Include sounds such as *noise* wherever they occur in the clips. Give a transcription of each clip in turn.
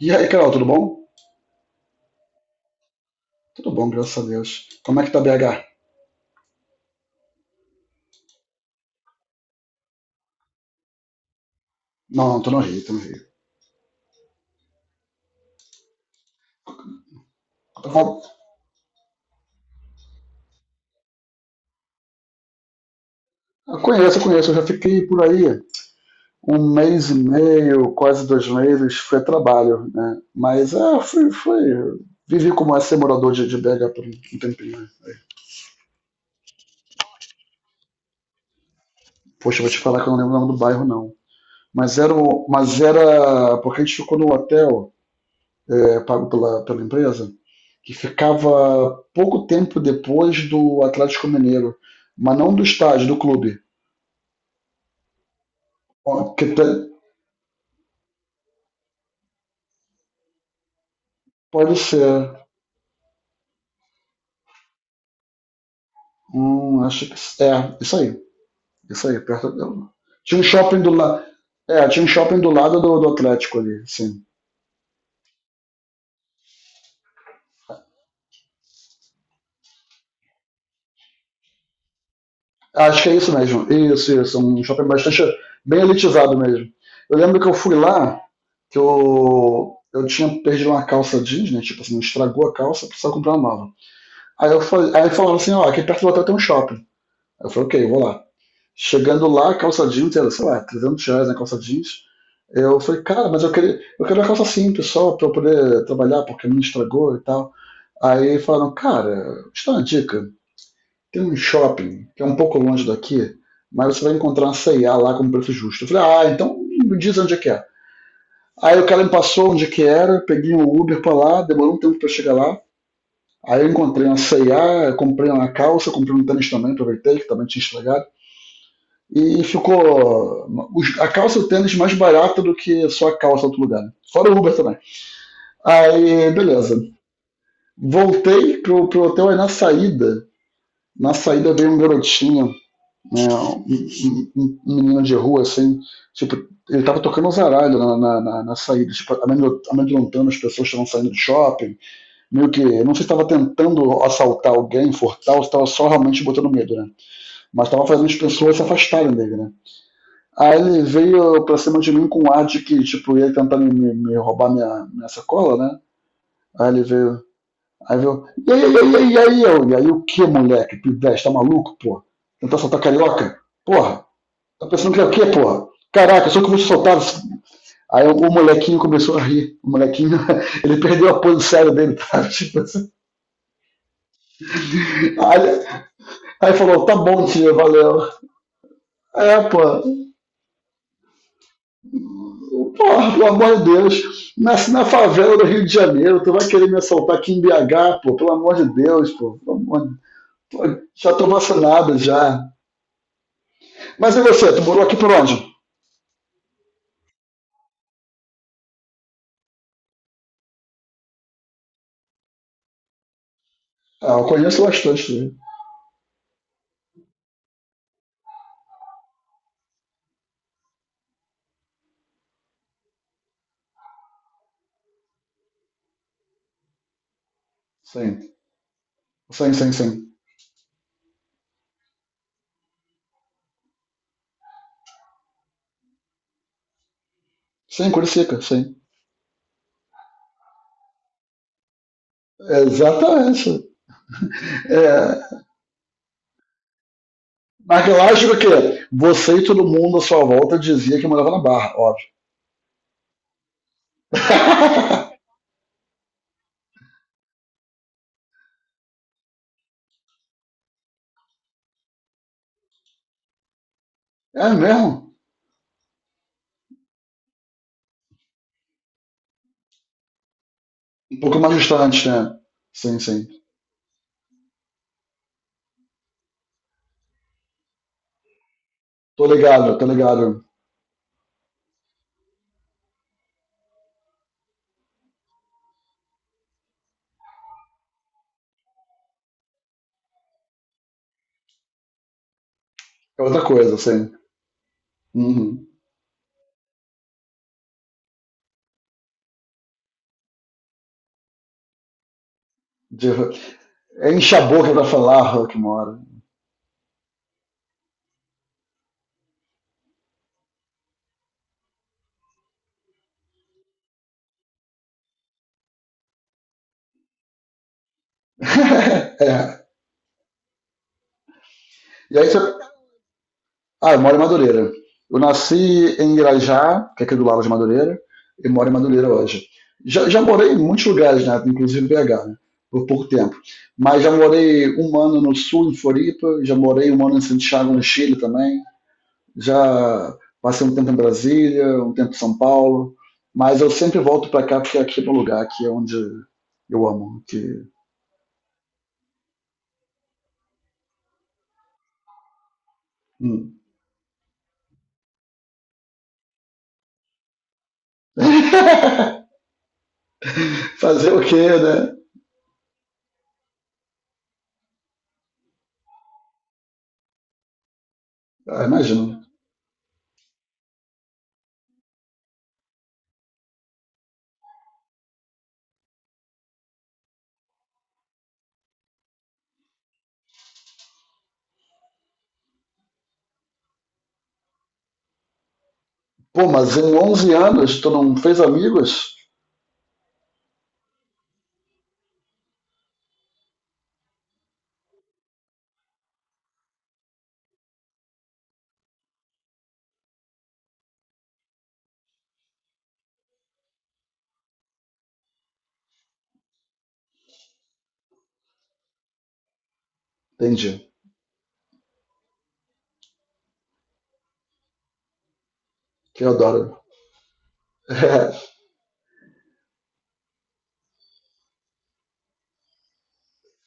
E aí, Carol, tudo bom? Tudo bom, graças a Deus. Como é que tá BH? Não, não, tô no Rio, tô no Rio. Tá bom. Eu conheço, eu conheço. Eu já fiquei por aí um mês e meio, quase 2 meses. Foi trabalho, né? Mas é, foi, foi. Vivi como é ser morador de BH por um tempinho, né? Poxa, vou te falar que eu não lembro o nome do bairro, não. Mas era porque a gente ficou no hotel, pago pela empresa, que ficava pouco tempo depois do Atlético Mineiro, mas não do estádio, do clube. Ó, pode ser. Acho que é isso aí. Isso aí, tinha um shopping do lado. É, tinha um shopping do lado do Atlético ali, sim. Acho que é isso mesmo. Isso, isso. Um shopping bastante bem elitizado mesmo. Eu lembro que eu fui lá, que eu tinha perdido uma calça jeans, né? Tipo assim, estragou a calça, precisava comprar uma nova. Aí falaram assim, ó, aqui perto do hotel tem um shopping. Aí eu falei, ok, eu vou lá. Chegando lá, a calça jeans era, sei lá, 300 reais na calça jeans. Eu falei, cara, mas eu queria, eu quero uma calça simples só pra eu poder trabalhar, porque a minha estragou e tal. Aí falaram, cara, te dá uma dica. Tem um shopping que é um pouco longe daqui, mas você vai encontrar uma C&A lá com preço justo. Eu falei, ah, então me diz onde é que é. Aí o cara me passou onde que era, peguei um Uber pra lá, demorou um tempo pra eu chegar lá. Aí eu encontrei uma C&A, comprei uma calça, comprei um tênis também, aproveitei, que também tinha estragado. E ficou a calça e o tênis mais barato do que só a calça em outro lugar, né? Fora o Uber também. Aí, beleza. Voltei pro hotel, aí na saída veio um garotinho, né, um menino de rua, assim, tipo, ele tava tocando os aralhos na saída, tipo, amedrontando as pessoas que estavam saindo do shopping, meio que, eu não sei se tava tentando assaltar alguém, furtar, ou se tava só realmente botando medo, né, mas tava fazendo as pessoas se afastarem dele, né. Aí ele veio pra cima de mim com um ar de que, tipo, ia tentar me roubar minha sacola, né, aí ele veio. E aí, e aí, e aí, e aí, e aí, o que, moleque, pivete, tá maluco, pô? Tentar soltar carioca? Porra, tá pensando que é o quê, porra? Caraca, só que você soltava. Aí o molequinho começou a rir. O molequinho, *laughs* ele perdeu a pose séria dele, tá? *laughs* Tipo assim. Aí, aí falou, tá bom, tia, valeu. É, pô, porra, pelo amor de Deus, nasci na favela do Rio de Janeiro, tu vai querer me assaltar aqui em BH, pô, pelo amor de Deus, pô, pelo amor de... já tô vacinado já. Mas e você, tu morou aqui por onde? Ah, eu conheço bastante, sim. Sim, sim, sim. Sim, sim, Curicica, sim. É, exatamente. É, mas eu acho que o quê? Você e todo mundo à sua volta dizia que morava na Barra, óbvio. *laughs* É mesmo? Um pouco mais distante, né? Sim, sim. Tô ligado, tô ligado. É outra coisa, sim. Uhum. De- É, enche a boca pra falar, Rock mora. *laughs* É. E aí você Ah, eu moro em Madureira. Eu nasci em Irajá, que é aqui do lado de Madureira, e moro em Madureira hoje. Já morei em muitos lugares, né? Inclusive em BH, né? Por pouco tempo. Mas já morei um ano no sul, em Floripa, já morei um ano em Santiago, no Chile também. Já passei um tempo em Brasília, um tempo em São Paulo. Mas eu sempre volto pra cá porque aqui é meu lugar, aqui é onde eu amo. Que... Hum. Fazer o quê, né? Ah, imagino. Pô, mas em 11 anos tu não fez amigos? Entendi. Que eu adoro. *laughs*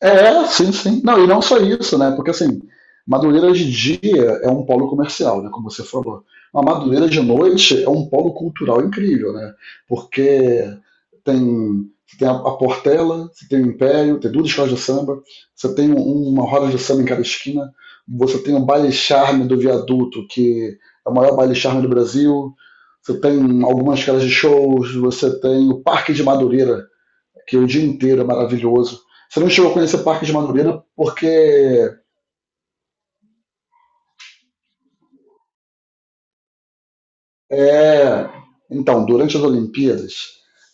É, sim, sim. Não, e não só isso, né? Porque assim, Madureira de dia é um polo comercial, né? Como você falou. A Madureira de noite é um polo cultural incrível, né? Porque você tem a Portela, você tem o Império, tem duas escolas de samba, você tem uma roda de samba em cada esquina, você tem o baile charme do viaduto, que é o maior baile charme do Brasil, você tem algumas casas de shows, você tem o Parque de Madureira, que o dia inteiro é maravilhoso. Você não chegou a conhecer o Parque de Madureira porque é. Então, durante as Olimpíadas,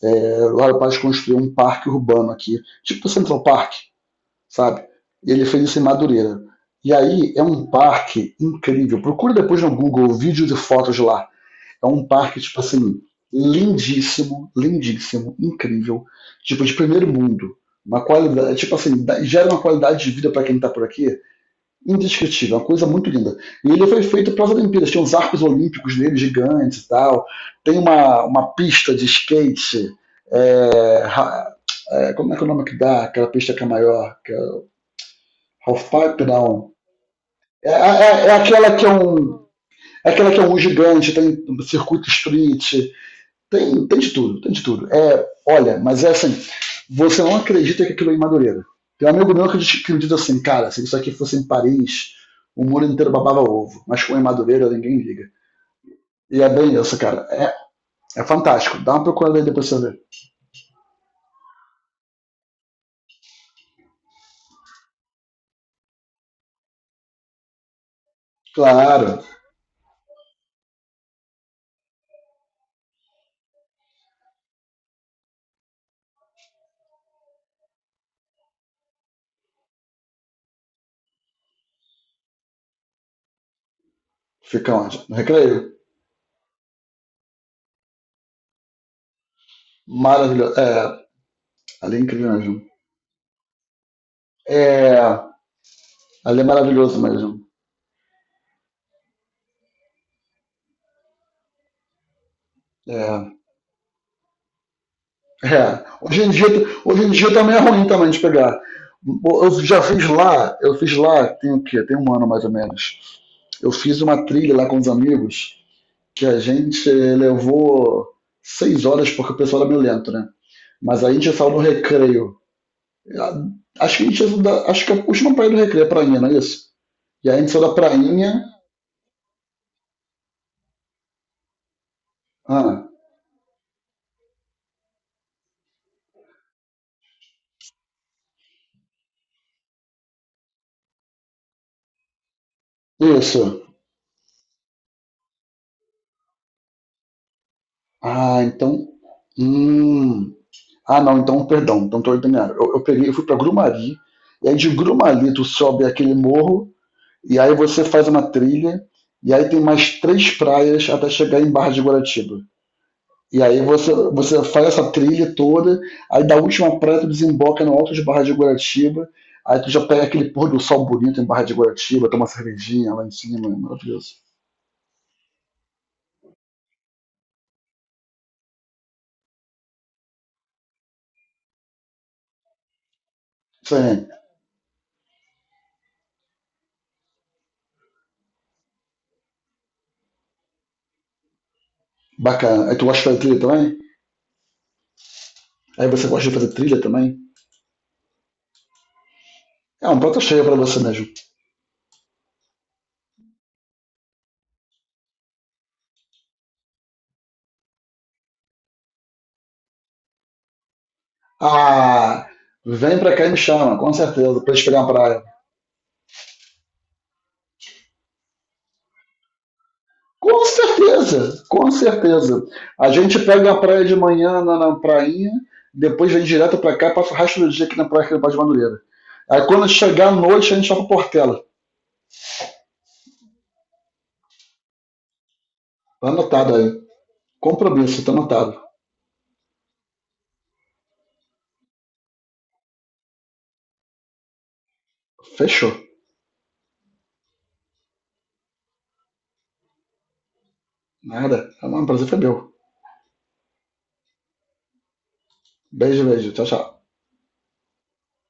o Lauro Paz construiu um parque urbano aqui, tipo o Central Park, sabe? E ele fez isso em Madureira. E aí é um parque incrível. Procura depois no Google vídeos e fotos de lá. É um parque, tipo assim, lindíssimo, lindíssimo, incrível. Tipo, de primeiro mundo. Uma qualidade, tipo assim, gera uma qualidade de vida para quem tá por aqui indescritível, uma coisa muito linda. E ele foi feito para as Olimpíadas, tem uns arcos olímpicos nele gigantes e tal, tem uma pista de skate, é, como é que é o nome que dá, aquela pista que é maior, que é Halfpipe, não. É, é- é aquela que é um É aquela que é um gigante, tem um circuito street. Tem de tudo, tem de tudo. É, olha, mas é assim, você não acredita que aquilo é em Madureira. Tem um amigo meu que diz assim, cara, se isso aqui fosse em Paris, o mundo inteiro babava ovo, mas com em Madureira ninguém liga. E é bem isso, cara. É fantástico. Dá uma procurada aí depois pra você ver. Claro. Fica onde? No Recreio? Maravilhoso. É, ali é incrível mesmo. É, ali é maravilhoso mesmo. É, É, hoje em dia, hoje em dia também é ruim também de pegar. Eu já fiz lá, eu fiz lá, tem o quê? Tem um ano mais ou menos. Eu fiz uma trilha lá com os amigos que a gente levou 6 horas porque o pessoal era meio lento, né? Mas aí a gente saiu no recreio. Ah, acho que a última praia do recreio é prainha, não é isso? E aí a gente saiu da prainha. Ah, isso. Ah, então. Hum. Ah, não, então, perdão, então estou ordenado. Eu peguei, eu fui para Grumari, e aí de Grumari tu sobe aquele morro, e aí você faz uma trilha, e aí tem mais três praias até chegar em Barra de Guaratiba. E aí você faz essa trilha toda, aí da última praia tu desemboca no alto de Barra de Guaratiba, aí tu já pega aquele pôr do sol bonito em Barra de Guaratiba, toma uma cervejinha lá em cima, é maravilhoso. Isso aí, bacana. Aí tu gosta de fazer trilha também? Aí você gosta de fazer trilha também? É um prato cheio pra você mesmo. Ah, vem pra cá e me chama, com certeza, pra gente pegar uma praia. Com certeza, com certeza. A gente pega a praia de manhã na prainha, depois vem direto pra cá e passa o resto do dia aqui na praia aqui no Bar de Madureira. Aí quando chegar à noite, a gente vai pra Portela. Tá anotado aí. Compromisso, tá anotado. Fechou. Nada. O prazer foi meu. Beijo, beijo. Tchau, tchau.